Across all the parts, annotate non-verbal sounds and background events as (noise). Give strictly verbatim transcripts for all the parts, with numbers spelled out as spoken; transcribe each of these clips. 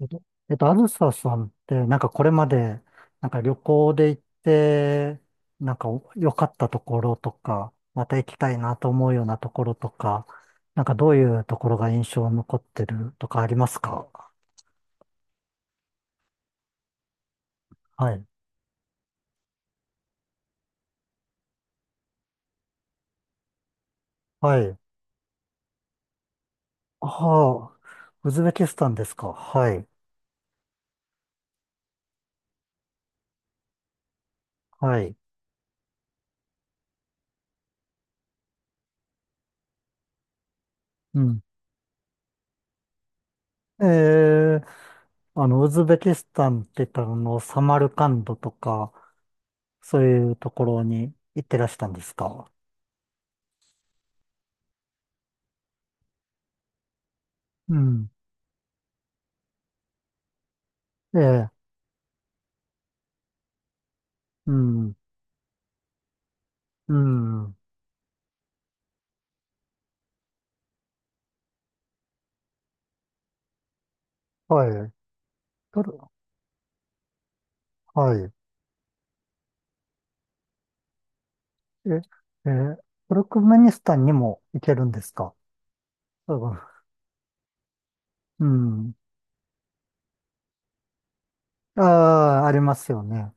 えっと、えっと、あずささんって、なんかこれまで、なんか旅行で行って、なんかお良かったところとか、また行きたいなと思うようなところとか、なんかどういうところが印象に残ってるとかありますか？はい。はい。ああ、ウズベキスタンですか？はい。はい。うん。ええ、あの、ウズベキスタンって言ったら、あの、サマルカンドとか、そういうところに行ってらしたんですか？うん。ええ、うん。うん。はい。トル、はい。え、えートルクメニスタンにも行けるんですか？多分。うん。ああ、ありますよね。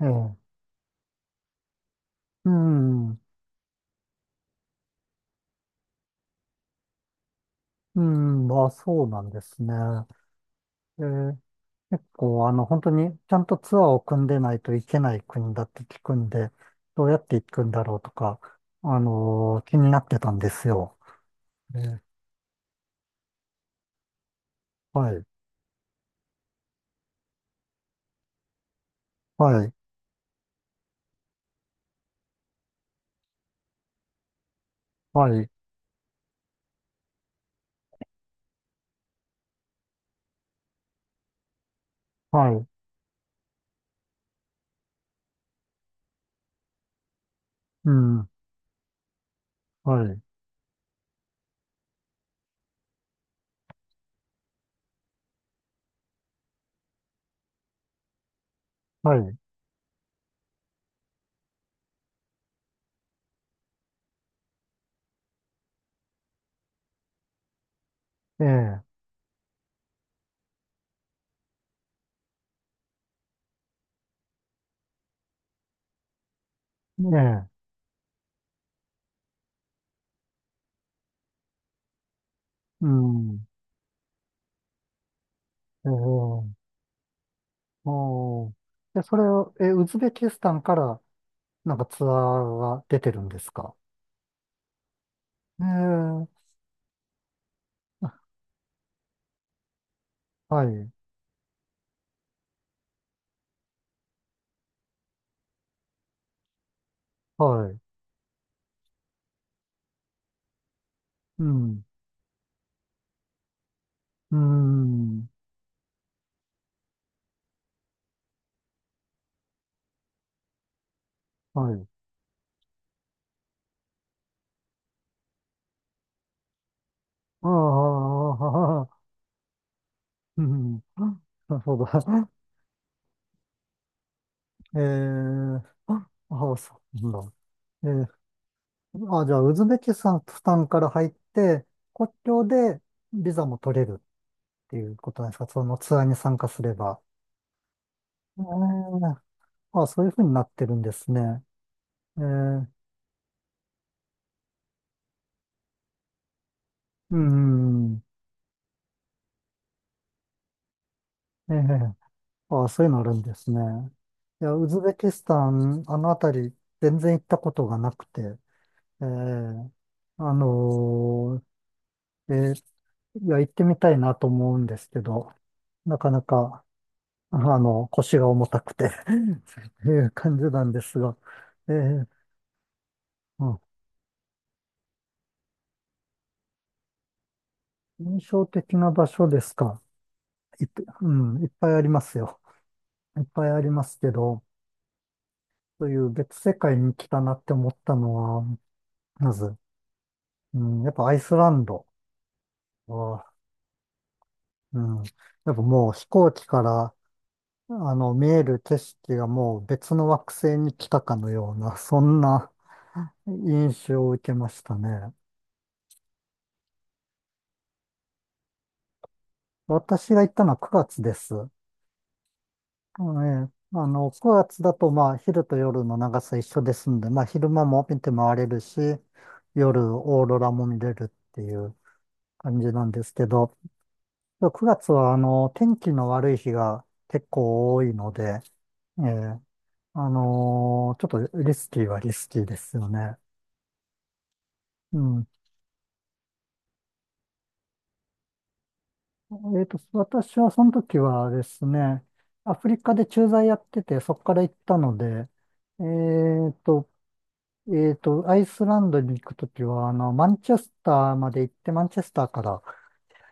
ええ。うん。うん。まあ、そうなんですね。ええ、結構、あの、本当にちゃんとツアーを組んでないといけない国だって聞くんで、どうやって行くんだろうとか、あのー気になってたんですよ。ええ、はい。はい。はい。はい。うん。はい。はい。ええ。ええ。うん。ええ、おー、え、それを、え、ウズベキスタンからなんかツアーが出てるんですか？ええ、あ、はい、はい、うん、うん、はい。ああ、ああ、うん、なるほど。ええ、ああ、そうなんだ。ええ、あ、じゃあ、ウズベキスタンから入って、国境でビザも取れるっていうことなんですか？そのツアーに参加すれば。ええ、あ、そういうふうになってるんですね。えー、うん、うん、ええ、あ、そういうのあるんですね。いや、ウズベキスタン、あのあたり、全然行ったことがなくて、えー、あのーえーいや、行ってみたいなと思うんですけど、なかなか、あの、腰が重たくて (laughs) という感じなんですが、えー、うん。印象的な場所ですか。いっ、うん、いっぱいありますよ。いっぱいありますけど、という別世界に来たなって思ったのは、まず、うん、やっぱアイスランドは、うん、やっぱもう飛行機から、あの、見える景色がもう別の惑星に来たかのような、そんな印象を受けましたね。私が行ったのはくがつです。あのね、あの、くがつだとまあ昼と夜の長さ一緒ですんで、まあ昼間も見て回れるし、夜オーロラも見れるっていう感じなんですけど、くがつは、あの、天気の悪い日が結構多いので、ええ、あのーちょっとリスキーはリスキーですよね。うん。えっと、私はその時はですね、アフリカで駐在やってて、そこから行ったので、えっと、えっと、アイスランドに行く時は、あの、マンチェスターまで行って、マンチェスターから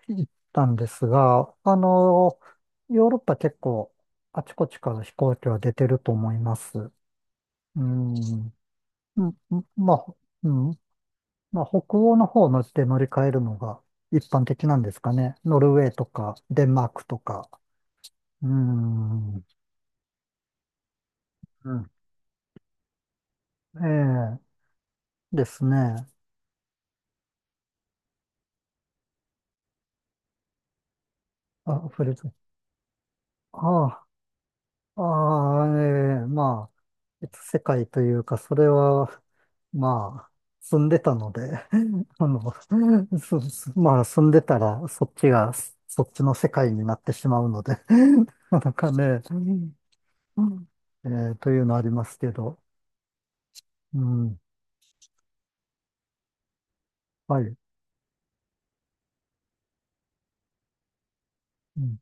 行ったんですが、あのヨーロッパ結構、あちこちから飛行機は出てると思います。うん。うん、まあ、うん。まあ、北欧の方の地で乗り換えるのが一般的なんですかね。ノルウェーとか、デンマークとか。うん。うん。ええ、ですね。あ、フレズ。ああ、ああ、ええ、まあ、別世界というか、それは、まあ、住んでたので、(laughs) あの、(laughs) そそまあ、住んでたら、そっちが、そっちの世界になってしまうので、(laughs) なかなかね、うん。えーというのありますけど、うん、はい。うん、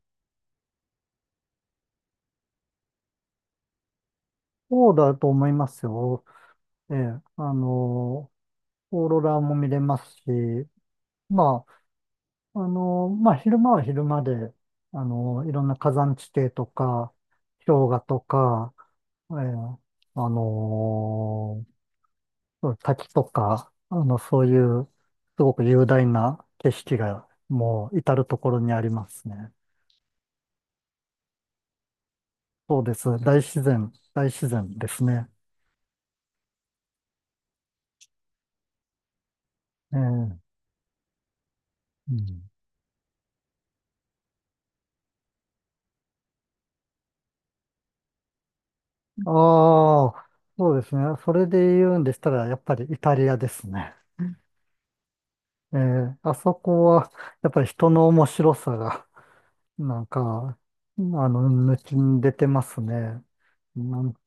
そうだと思いますよ。えーあのオーロラも見れますし、まあ、あのまあ、昼間は昼間で、あのいろんな火山地形とか、氷河とか、えーあの滝とか、あの、そういう、すごく雄大な景色が、もう、至るところにありますね。そうです。大自然、大自然ですね。ええ、うん。ああ、そうですね。それで言うんでしたら、やっぱりイタリアですね。ええ、あそこは、やっぱり人の面白さが、なんか、あの、抜きに出てますね。なんて、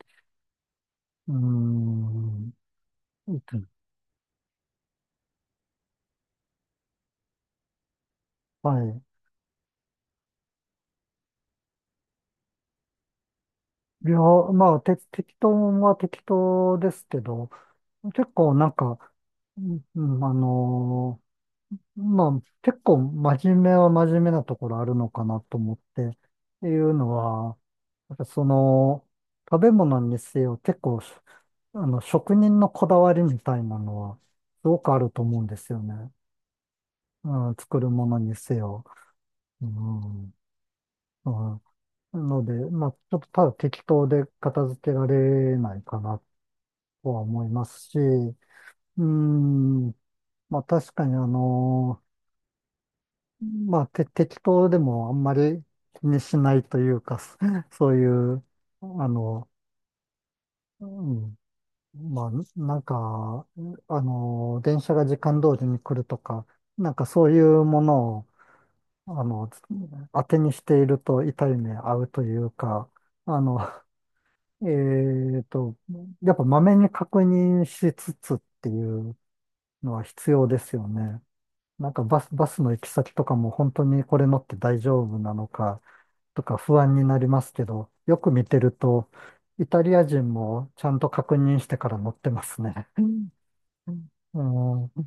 うーん、はい。いや、まあ、て、適当は適当ですけど、結構なんか、うんうん、あのーまあ、結構真面目は真面目なところあるのかなと思って、っていうのは、なんかその、食べ物にせよ、結構、あの、職人のこだわりみたいなのは、すごくあると思うんですよね。うん、作るものにせよ。うん、うん。なので、まあ、ちょっとただ適当で片付けられないかなとは思いますし、うん、まあ確かにあの、まあて適当でもあんまり気にしないというか、そそういう、あの、うん、まあ、なんか、あの、電車が時間通りに来るとか、なんかそういうものを、あの、当てにしていると痛い目合うというか、あの、(laughs) えっと、やっぱまめに確認しつつっていうのは必要ですよね。なんかバス、バスの行き先とかも本当にこれ乗って大丈夫なのかとか不安になりますけど、よく見てると、イタリア人もちゃんと確認してから乗ってますね。あー、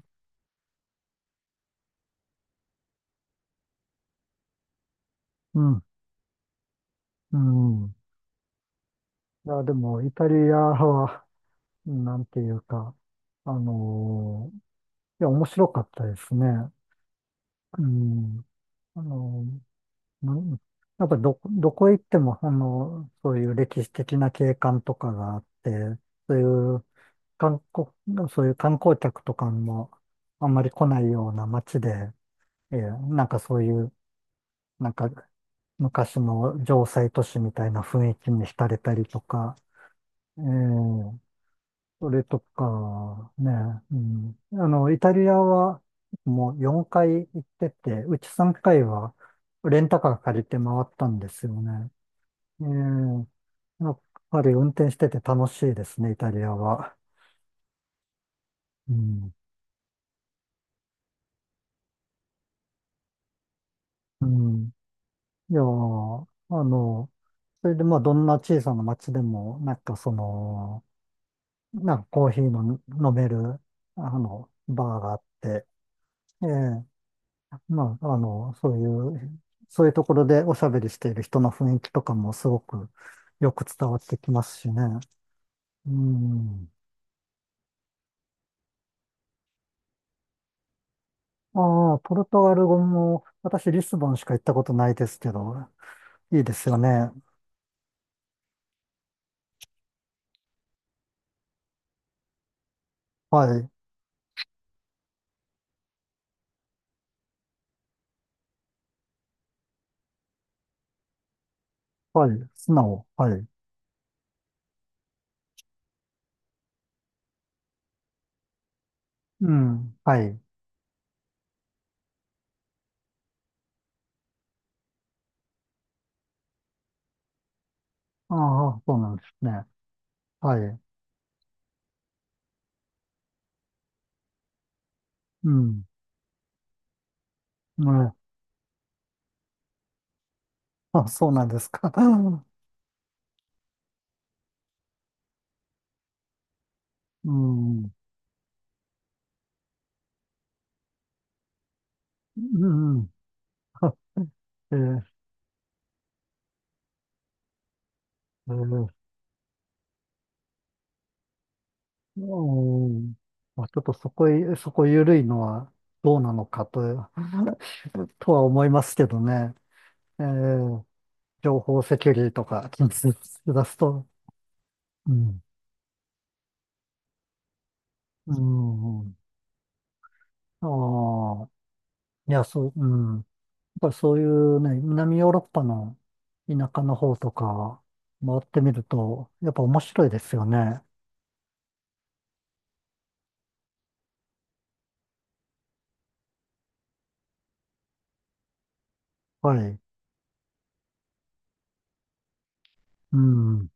うん、うん。いや、でも、イタリアは、なんていうか、あのーいや、面白かったですね。うん。あのーなんやっぱど、どこ行っても、あの、そういう歴史的な景観とかがあって、そういう観光、そういう観光客とかもあんまり来ないような街で、えーなんかそういう、なんか昔の城塞都市みたいな雰囲気に浸れたりとか、ええ、それとか、ね、うん。あの、イタリアはもうよんかい行ってて、うちさんかいはレンタカー借りて回ったんですよね。ええ、やっぱり運転してて楽しいですね、イタリアは。うん。うん。いやー、あの、それでまあ、どんな小さな町でも、なんかその、なんかコーヒーの飲める、あの、バーがあって、ええ、まあ、あの、そういう、そういうところでおしゃべりしている人の雰囲気とかもすごくよく伝わってきますしね。うん。ああ、ポルトガル語も、私、リスボンしか行ったことないですけど、いいですよね。はい、はい、素直、はい。うん、はい。ああ、そうなんですね。はい。うん、ね、あ、そうなんですか。(laughs) うん、うん、うん。(laughs) えーえーうん。まあ、ちょっとそこへ、そこ緩いのはどうなのかと、(laughs) とは思いますけどね。えー情報セキュリティとか気にしだすと (laughs)。うん。うん。ああ。いや、そう、うん。やっぱりそういうね、南ヨーロッパの田舎の方とか回ってみると、やっぱ面白いですよね。はい。うん。